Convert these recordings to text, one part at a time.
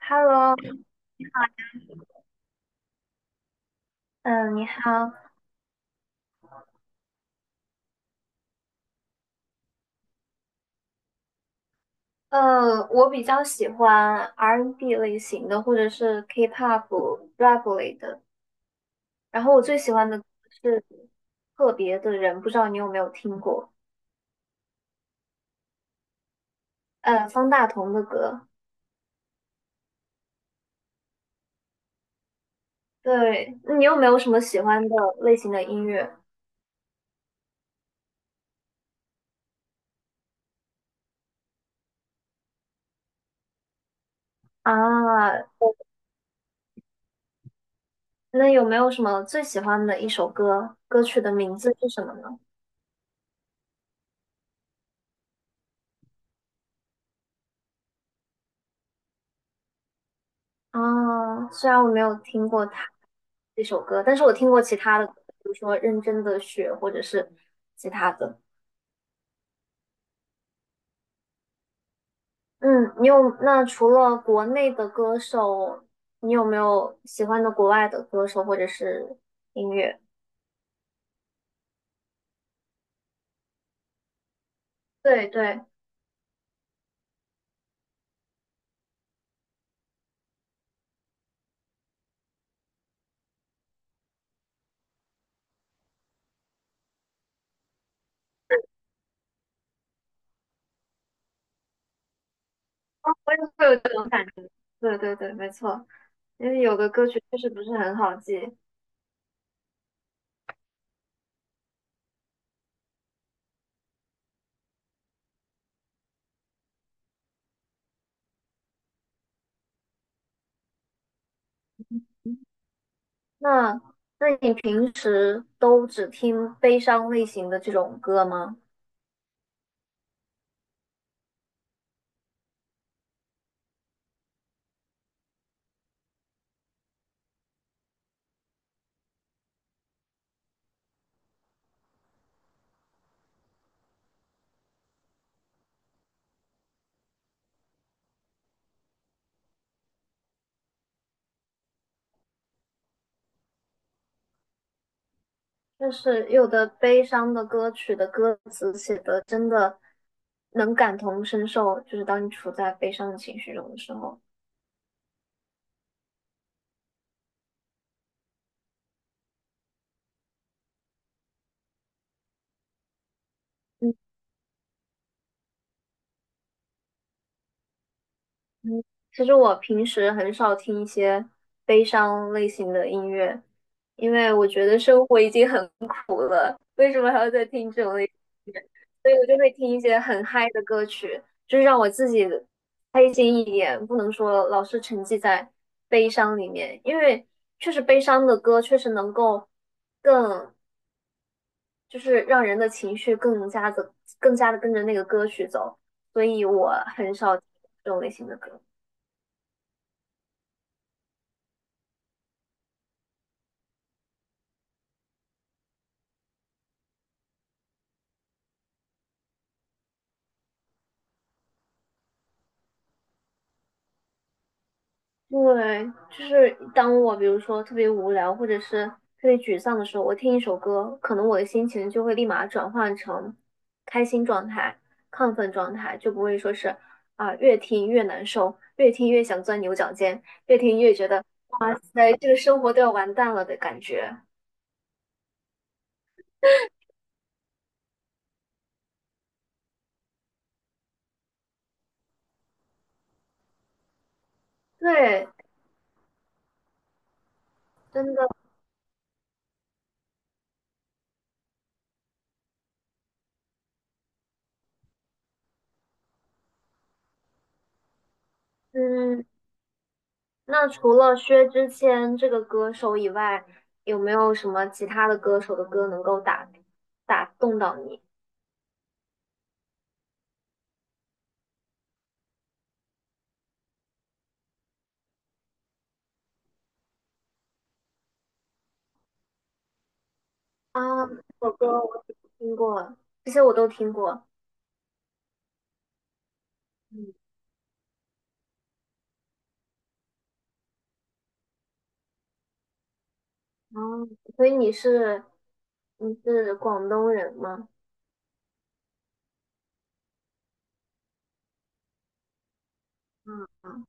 Hello，嗯，你好，我比较喜欢 R&B N 类型的，或者是 K-pop、rap 类的。然后我最喜欢的歌是《特别的人》，不知道你有没有听过？方大同的歌。对，你有没有什么喜欢的类型的音乐啊？那有没有什么最喜欢的一首歌？歌曲的名字是什么呢？啊，虽然我没有听过它。这首歌，但是我听过其他的，比如说《认真的雪》或者是其他的。嗯，你有，那除了国内的歌手，你有没有喜欢的国外的歌手或者是音乐？对对，就会有这种感觉。对对对，没错，因为有的歌曲确实不是很好记。那那你平时都只听悲伤类型的这种歌吗？就是有的悲伤的歌曲的歌词写的真的能感同身受，就是当你处在悲伤的情绪中的时候。嗯嗯，其实我平时很少听一些悲伤类型的音乐，因为我觉得生活已经很 苦了，为什么还要再听这种类？所以我就会听一些很嗨的歌曲，就是让我自己开心一点，不能说老是沉浸在悲伤里面，因为确实悲伤的歌确实能够更，就是让人的情绪更加的跟着那个歌曲走，所以我很少听这种类型的歌。对，就是当我比如说特别无聊或者是特别沮丧的时候，我听一首歌，可能我的心情就会立马转换成开心状态、亢奋状态，就不会说是啊、越听越难受，越听越想钻牛角尖，越听越觉得哇塞，这个生活都要完蛋了的感觉。对，真的，嗯，那除了薛之谦这个歌手以外，有没有什么其他的歌手的歌能够打动到你？啊，这首歌我听过，这些我都听过。嗯哦，所以你是广东人吗？嗯嗯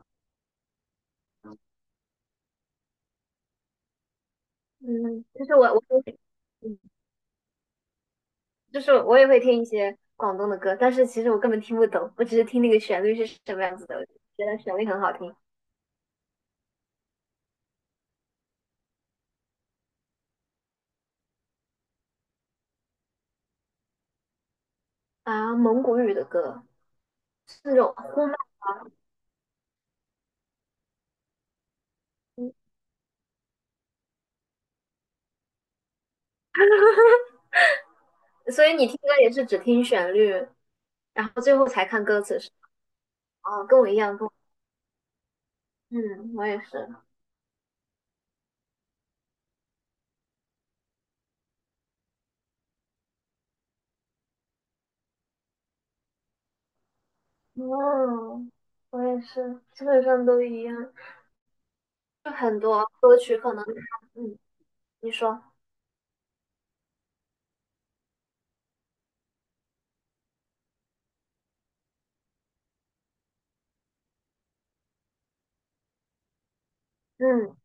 嗯，就是我我会嗯就是我也会听一些广东的歌，但是其实我根本听不懂，我只是听那个旋律是什么样子的，我就觉得旋律很好听啊。蒙古语的歌是那种呼麦，所以你听歌也是只听旋律，然后最后才看歌词是吧？哦，跟我一样，跟我嗯，我也是。哦，我也是，基本上都一样。就很多歌曲可能它嗯，你说，嗯，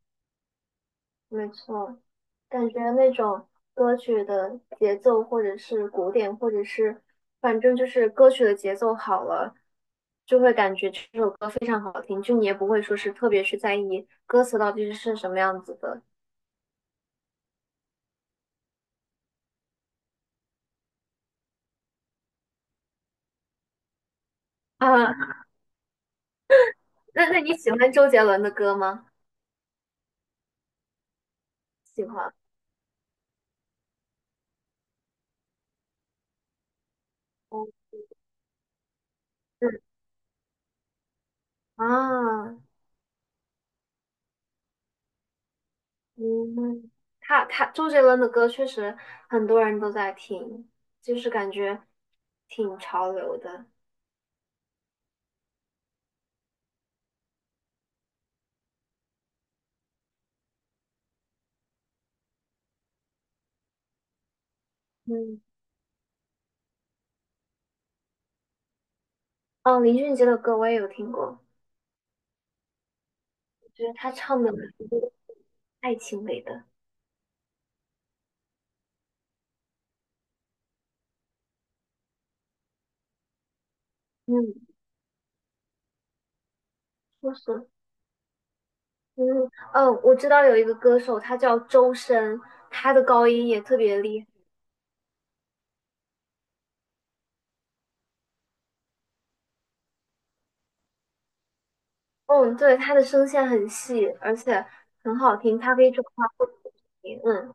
没错，感觉那种歌曲的节奏，或者是鼓点，或者是反正就是歌曲的节奏好了，就会感觉这首歌非常好听，就你也不会说是特别去在意歌词到底是什么样子的啊。那那你喜欢周杰伦的歌吗？喜欢，哦，嗯啊，嗯，他周杰伦的歌确实很多人都在听，就是感觉挺潮流的。嗯，哦，林俊杰的歌我也有听过，觉得他唱的爱情类的。嗯，确实。嗯哦，我知道有一个歌手，他叫周深，他的高音也特别厉害。嗯，对，他的声线很细，而且很好听，他可以转化不同的声音。嗯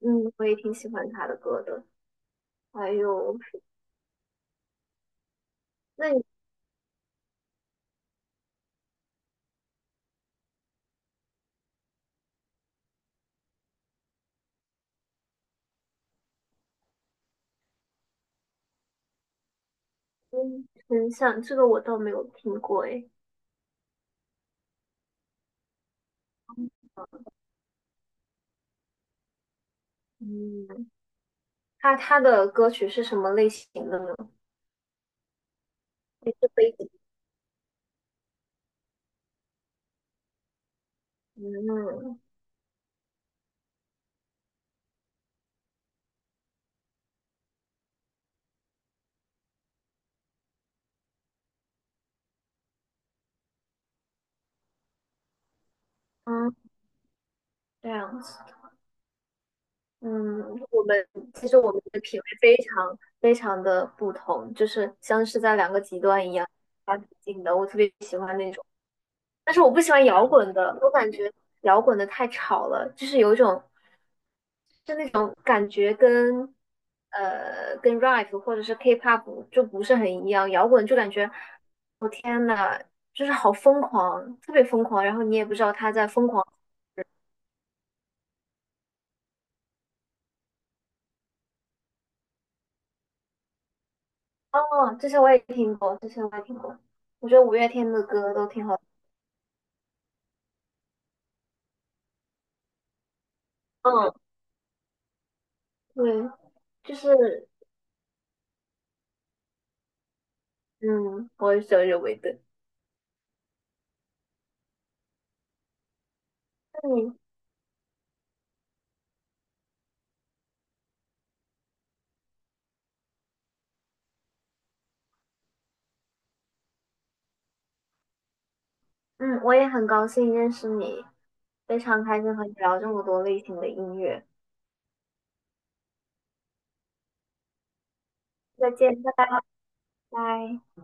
嗯，我也挺喜欢他的歌的。还有。那你？嗯，很像，这个我倒没有听过诶。嗯，他的歌曲是什么类型的呢？也是背景。嗯嗯，这样子。嗯，我们其实我们的品味非常非常的不同，就是像是在两个极端一样发挺近的。我特别喜欢那种，但是我不喜欢摇滚的，我感觉摇滚的太吵了，就是有一种就那种感觉跟 rap 或者是 K-pop 就不是很一样，摇滚就感觉我天呐，就是好疯狂，特别疯狂，然后你也不知道他在疯狂。哦，这些我也听过，这些我也听过，我觉得五月天的歌都挺好的。嗯，对，就是嗯，我也是有认为的。那你，嗯，我也很高兴认识你，非常开心和你聊这么多类型的音乐。再见，拜拜。